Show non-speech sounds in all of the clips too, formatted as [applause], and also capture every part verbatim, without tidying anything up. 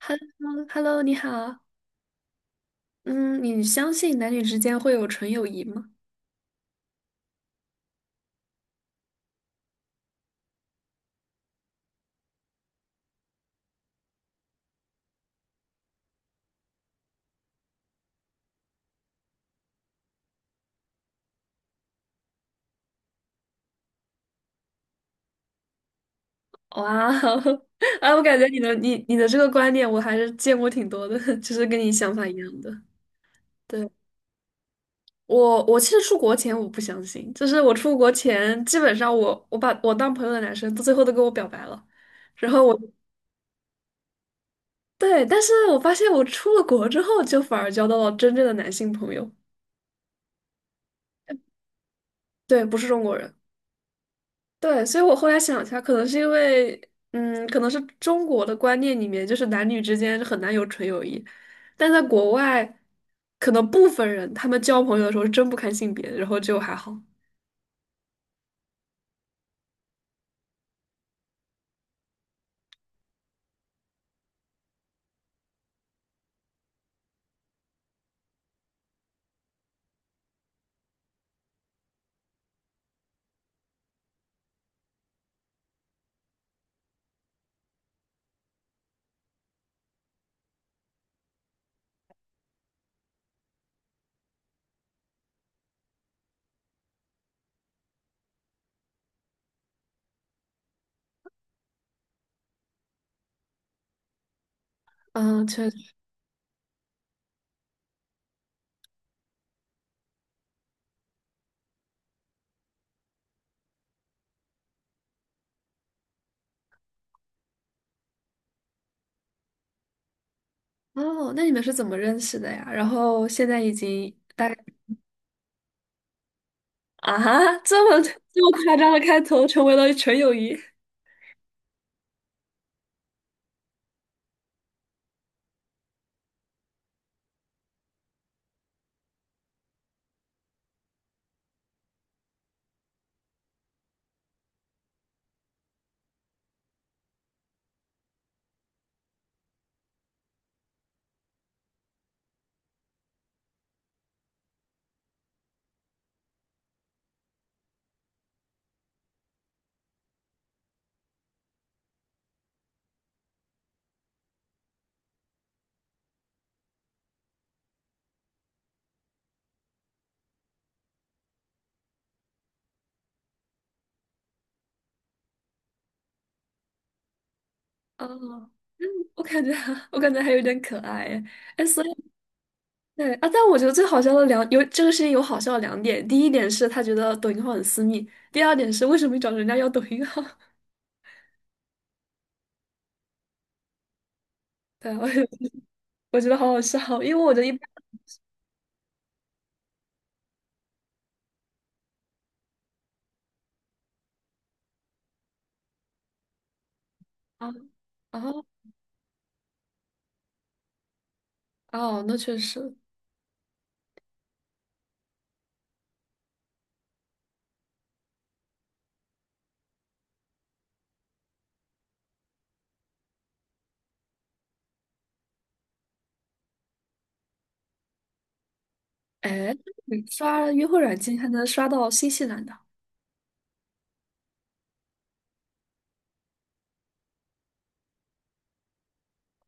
Hello，Hello，你好。嗯，你相信男女之间会有纯友谊吗？哇哦，[laughs] 啊，我感觉你的你你的这个观点我还是见过挺多的，[laughs] 就是跟你想法一样的。对，我，我其实出国前我不相信，就是我出国前基本上我我把我当朋友的男生，到最后都跟我表白了，然后我对，但是我发现我出了国之后，就反而交到了真正的男性朋友。对，不是中国人。对，所以我后来想一下，可能是因为，嗯，可能是中国的观念里面，就是男女之间很难有纯友谊，但在国外，可能部分人他们交朋友的时候是真不看性别，然后就还好。嗯，确实。哦，那你们是怎么认识的呀？然后现在已经大概啊，这么这么夸张的开头，成为了纯友谊。哦，[laughs] 我感觉 [laughs] 我感觉还有点可爱哎，哎所以。对啊，但我觉得最好笑的两有这个事情有好笑的两点，第一点是他觉得抖音号很私密，第二点是为什么你找人家要抖音号？[laughs] 对，我觉得 [laughs] 我觉得好好笑，因为我觉得一般啊啊哦，那确实，哎，你刷约会软件还能刷到新西兰的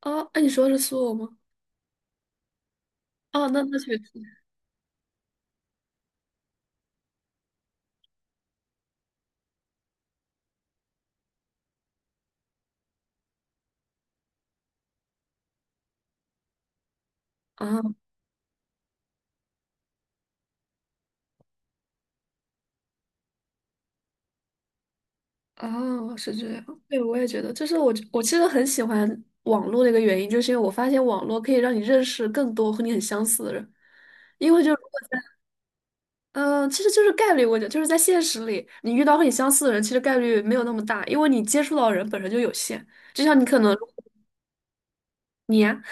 啊？哎，你说的是苏俄吗？哦，那那确实啊啊，是这样。对，我也觉得，就是我我其实很喜欢网络的一个原因，就是因为我发现网络可以让你认识更多和你很相似的人。因为就。嗯，呃其实就是概率问题，我觉得就是在现实里，你遇到和你相似的人，其实概率没有那么大，因为你接触到的人本身就有限。就像你可能你呀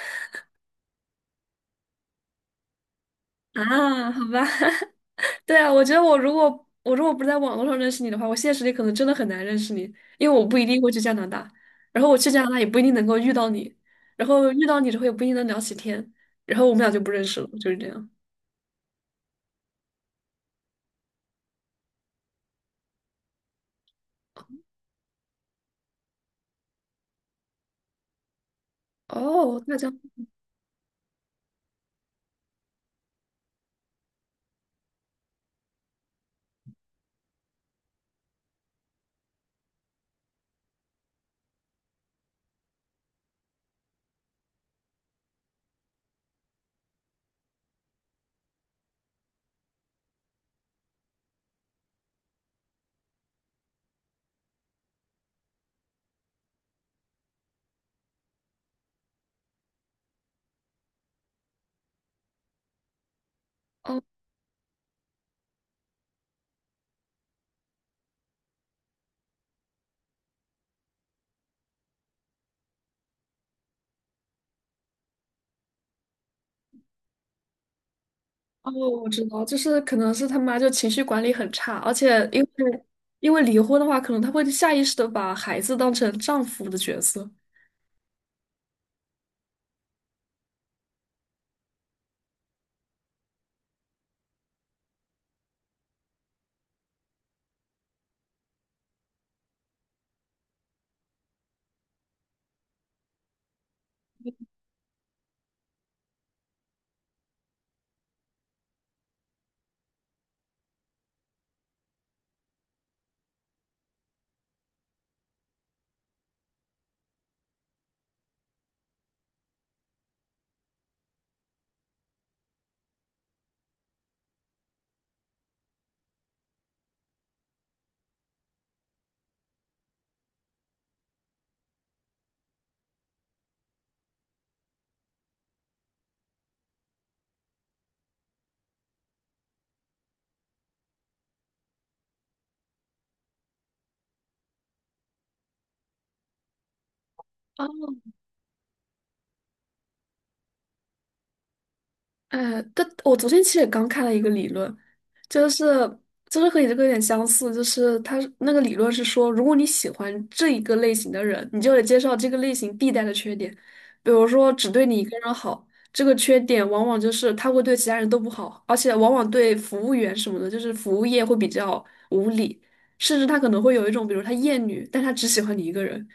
啊，啊好吧，[laughs] 对啊，我觉得我如果我如果不是在网络上认识你的话，我现实里可能真的很难认识你，因为我不一定会去加拿大，然后我去加拿大也不一定能够遇到你，然后遇到你之后也不一定能聊起天，然后我们俩就不认识了，就是这样。哦，那这样，哦，哦，我知道，就是可能是他妈就情绪管理很差，而且因为因为离婚的话，可能他会下意识的把孩子当成丈夫的角色。哎，但我昨天其实也刚看了一个理论，就是就是和你这个有点相似，就是他那个理论是说，如果你喜欢这一个类型的人，你就得接受这个类型必带的缺点，比如说只对你一个人好，这个缺点往往就是他会对其他人都不好，而且往往对服务员什么的，就是服务业会比较无理，甚至他可能会有一种，比如他厌女，但他只喜欢你一个人。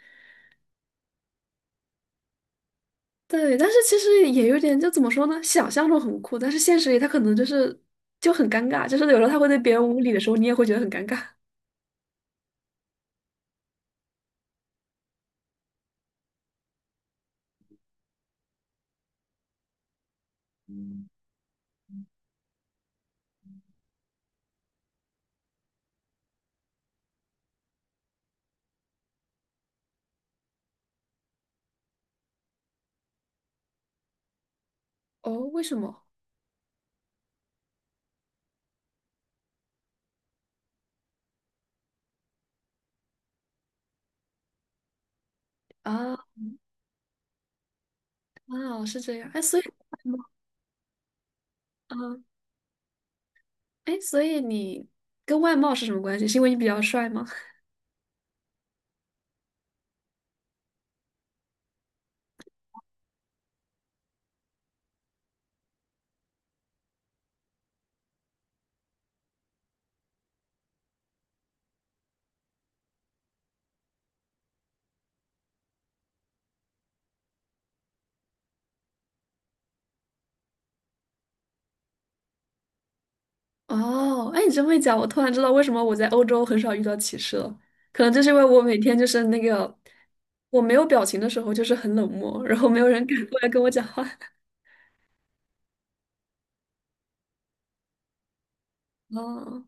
对，但是其实也有点，就怎么说呢？想象中很酷，但是现实里他可能就是就很尴尬，就是有时候他会对别人无理的时候，你也会觉得很尴尬。哦，为什么？啊啊，是这样。哎，所以啊，嗯哎，所以你跟外貌是什么关系？是因为你比较帅吗？哦，哎，你这么一讲，我突然知道为什么我在欧洲很少遇到歧视了。可能就是因为我每天就是那个我没有表情的时候，就是很冷漠，然后没有人敢过来跟我讲话。[laughs] 哦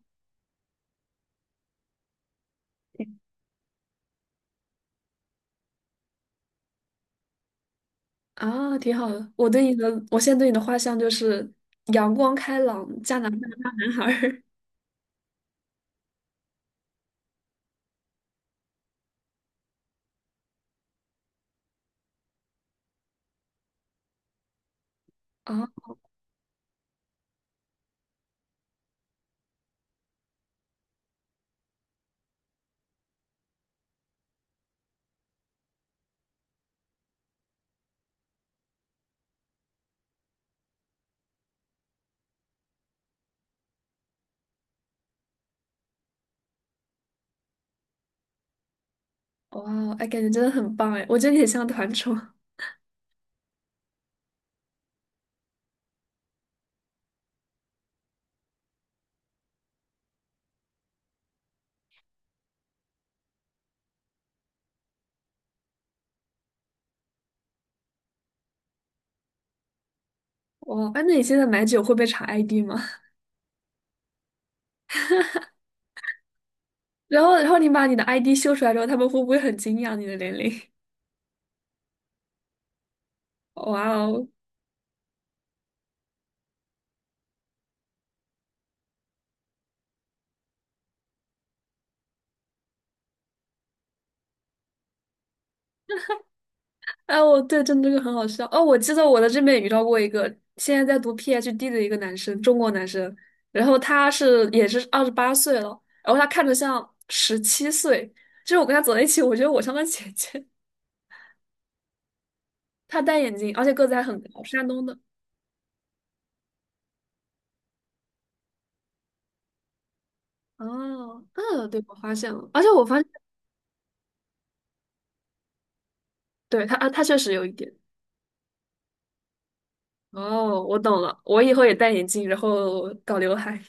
啊，挺好的。我对你的，我现在对你的画像就是阳光开朗、加拿大大男孩儿啊，哇哦，哎，感觉真的很棒哎，我觉得你很像团宠。哇哦，哎，那你现在买酒会被查 I D 吗？[laughs] 然后，然后你把你的 I D 秀出来之后，他们会不会很惊讶你的年龄？[laughs] 哇哦！哎，我对，真的这个很好笑。哦，我记得我在这边也遇到过一个现在在读 P h D 的一个男生，中国男生，然后他是也是二十八岁了，然后他看着像十七岁，就是我跟他走在一起，我觉得我像他姐姐。他戴眼镜，而且个子还很高，山东的。哦，呃，对，我发现了，而且我发现，对，他啊，他确实有一点。哦，我懂了，我以后也戴眼镜，然后搞刘海。[laughs]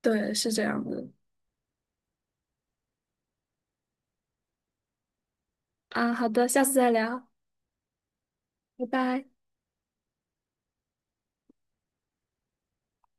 对，是这样的。啊，好的，下次再聊，拜拜。